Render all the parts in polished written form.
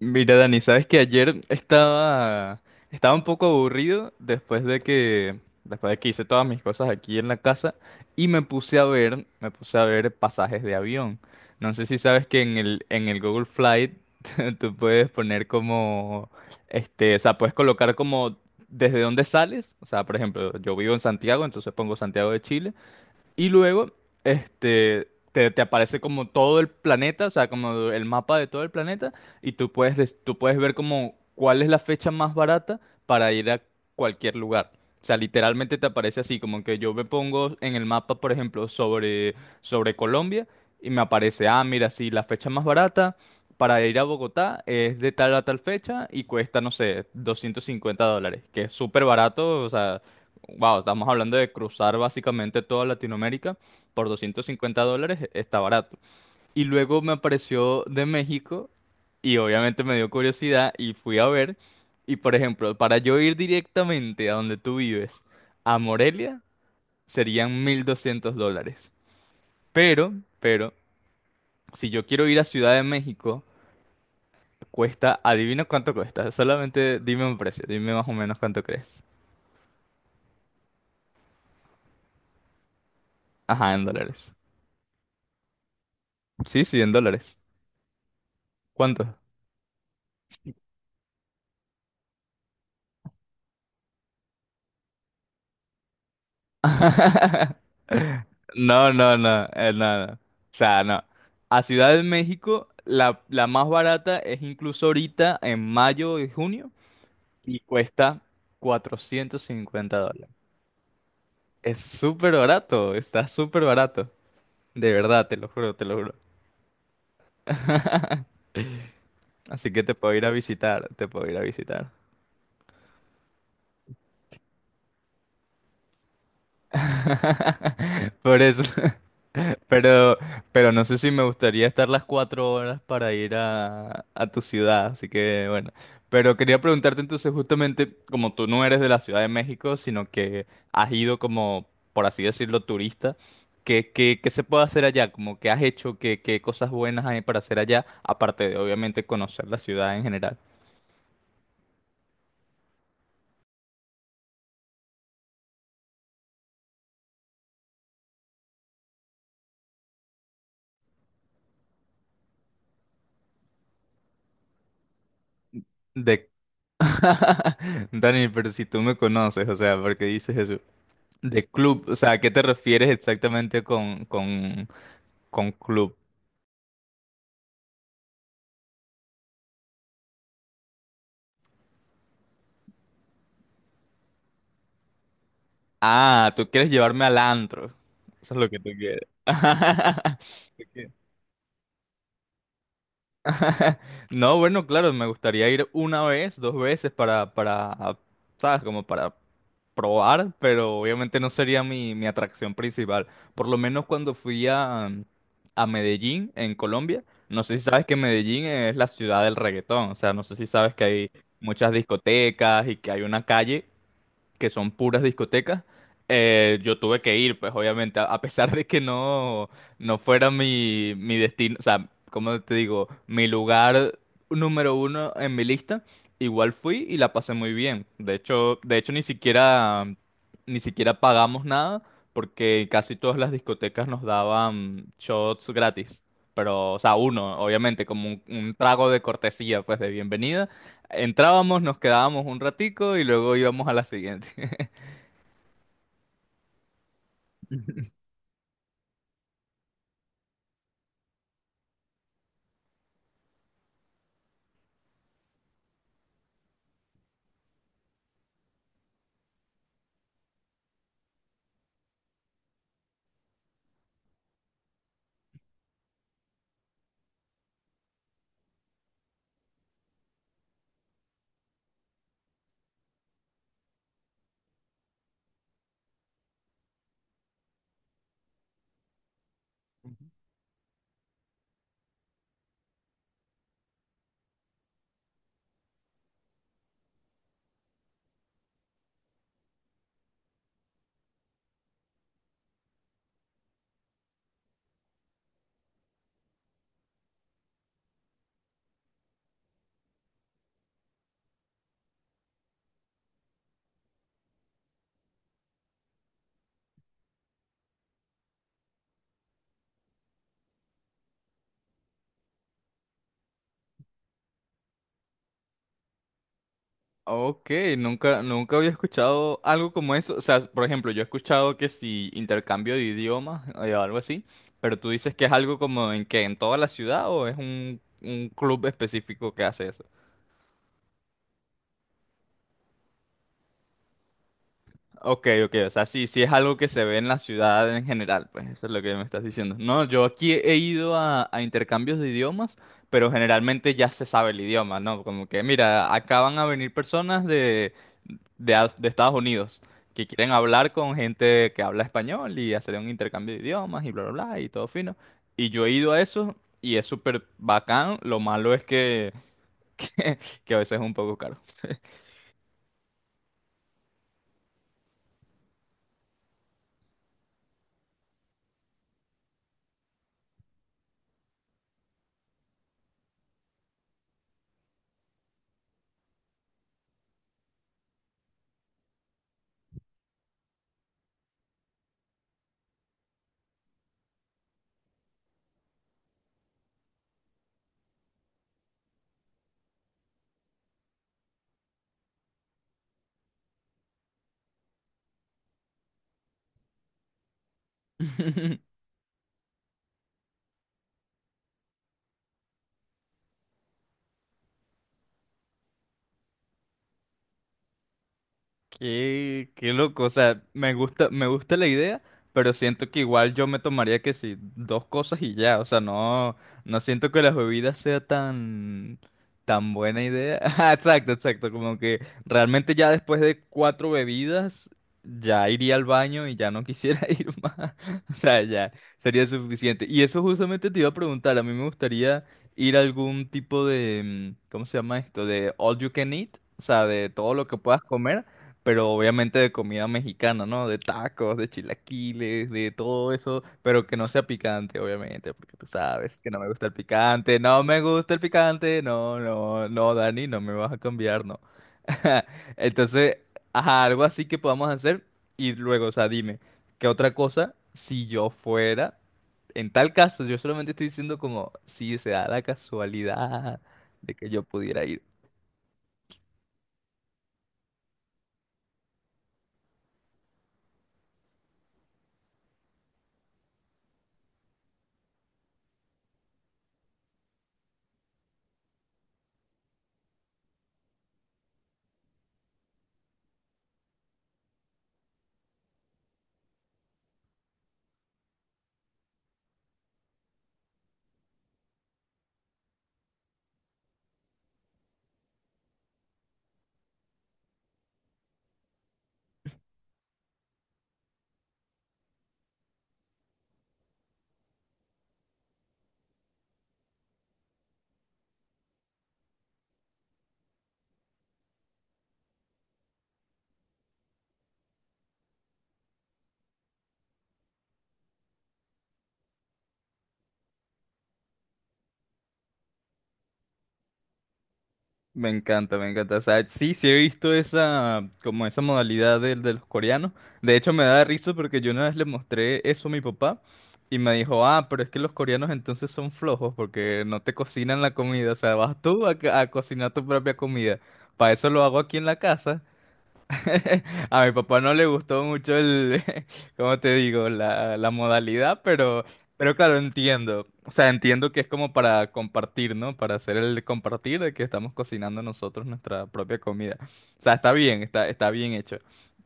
Mira, Dani, sabes que ayer estaba un poco aburrido después de que hice todas mis cosas aquí en la casa y me puse a ver pasajes de avión. No sé si sabes que en el Google Flight tú puedes poner como, o sea, puedes colocar como desde dónde sales. O sea, por ejemplo, yo vivo en Santiago, entonces pongo Santiago de Chile y luego, te aparece como todo el planeta, o sea, como el mapa de todo el planeta, y tú puedes, tú puedes ver como cuál es la fecha más barata para ir a cualquier lugar. O sea, literalmente te aparece así, como que yo me pongo en el mapa, por ejemplo, sobre Colombia, y me aparece, ah, mira, sí, la fecha más barata para ir a Bogotá es de tal a tal fecha y cuesta, no sé, 250 dólares, que es súper barato, o sea, wow, estamos hablando de cruzar básicamente toda Latinoamérica por 250 dólares, está barato. Y luego me apareció de México y obviamente me dio curiosidad y fui a ver. Y por ejemplo, para yo ir directamente a donde tú vives, a Morelia, serían 1.200 dólares. Pero, pero si yo quiero ir a Ciudad de México, cuesta, adivina cuánto cuesta, solamente dime un precio, dime más o menos cuánto crees. Ajá, en dólares. Sí, sí, en dólares. ¿Cuánto? No, no, no, no, no. O sea, no. A Ciudad de México, la más barata es incluso ahorita en mayo y junio y cuesta 450 dólares. Es súper barato, está súper barato. De verdad, te lo juro, te lo juro. Así que te puedo ir a visitar, te puedo ir a visitar. Por eso. Pero, pero no sé si me gustaría estar las 4 horas para ir a tu ciudad, así que bueno. Pero quería preguntarte entonces, justamente, como tú no eres de la Ciudad de México, sino que has ido como, por así decirlo, turista, ¿qué se puede hacer allá? Como qué has hecho, qué cosas buenas hay para hacer allá, aparte de obviamente conocer la ciudad en general. De... Dani, pero si tú me conoces, o sea, ¿por qué dices eso? De club, o sea, ¿a qué te refieres exactamente con club? Ah, tú quieres llevarme al antro. Eso es lo que tú quieres. No, bueno, claro, me gustaría ir una vez, dos veces ¿sabes? Como para probar, pero obviamente no sería mi atracción principal. Por lo menos cuando fui a Medellín, en Colombia, no sé si sabes que Medellín es la ciudad del reggaetón, o sea, no sé si sabes que hay muchas discotecas y que hay una calle que son puras discotecas, yo tuve que ir, pues obviamente, a pesar de que no fuera mi destino, o sea, como te digo, mi lugar número uno en mi lista, igual fui y la pasé muy bien. De hecho ni siquiera pagamos nada, porque casi todas las discotecas nos daban shots gratis. Pero, o sea, uno, obviamente, como un trago de cortesía, pues de bienvenida. Entrábamos, nos quedábamos un ratico y luego íbamos a la siguiente. Ok, nunca había escuchado algo como eso. O sea, por ejemplo, yo he escuchado que si intercambio de idiomas o algo así, pero tú dices que es algo como en que en toda la ciudad o es un club específico que hace eso. Ok, ok, o sea, sí, sí es algo que se ve en la ciudad en general, pues eso es lo que me estás diciendo. No, yo aquí he ido a intercambios de idiomas, pero generalmente ya se sabe el idioma, ¿no? Como que, mira, acá van a venir personas de Estados Unidos que quieren hablar con gente que habla español y hacer un intercambio de idiomas y bla, bla, bla, y todo fino. Y yo he ido a eso y es súper bacán, lo malo es que, que a veces es un poco caro. Qué, qué loco, o sea, me gusta la idea, pero siento que igual yo me tomaría que sí, dos cosas y ya, o sea, no siento que las bebidas sea tan, tan buena idea. Ah, exacto, exacto, como que realmente ya después de cuatro bebidas ya iría al baño y ya no quisiera ir más, o sea, ya sería suficiente. Y eso justamente te iba a preguntar, a mí me gustaría ir a algún tipo de, ¿cómo se llama esto? De all you can eat, o sea, de todo lo que puedas comer pero obviamente de comida mexicana, ¿no? De tacos, de chilaquiles, de todo eso, pero que no sea picante, obviamente, porque tú sabes que no me gusta el picante, no me gusta el picante, no, no, no, Dani, no me vas a cambiar, no. Entonces, ajá, algo así que podamos hacer y luego, o sea, dime, ¿qué otra cosa si yo fuera, en tal caso, yo solamente estoy diciendo como si se da la casualidad de que yo pudiera ir. Me encanta, me encanta. O sea, sí, sí he visto esa, como esa modalidad del de los coreanos. De hecho, me da risa porque yo una vez le mostré eso a mi papá y me dijo, ah, pero es que los coreanos entonces son flojos porque no te cocinan la comida. O sea, vas tú a, a cocinar tu propia comida. Para eso lo hago aquí en la casa. A mi papá no le gustó mucho el, ¿cómo te digo? La modalidad, pero claro, entiendo. O sea, entiendo que es como para compartir, ¿no? Para hacer el compartir de que estamos cocinando nosotros nuestra propia comida. O sea, está bien, está bien hecho.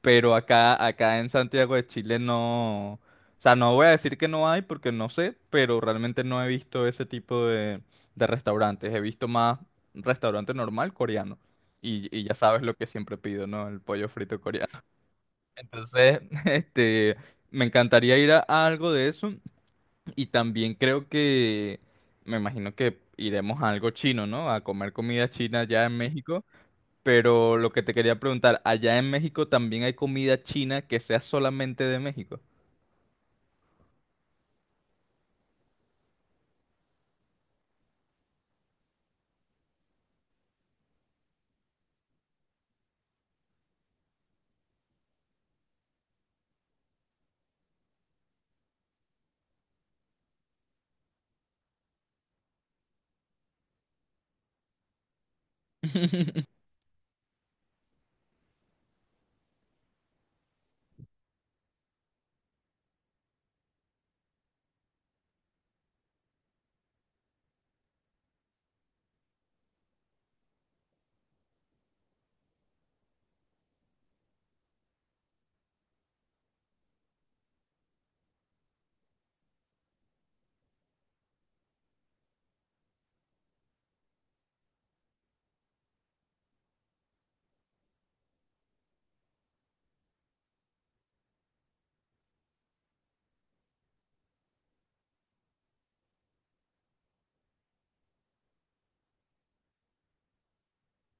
Pero acá en Santiago de Chile no. O sea, no voy a decir que no hay porque no sé, pero realmente no he visto ese tipo de restaurantes. He visto más restaurante normal coreano y ya sabes lo que siempre pido, ¿no? El pollo frito coreano. Entonces, me encantaría ir a algo de eso y también creo que, me imagino que iremos a algo chino, ¿no? A comer comida china allá en México. Pero lo que te quería preguntar, ¿allá en México también hay comida china que sea solamente de México?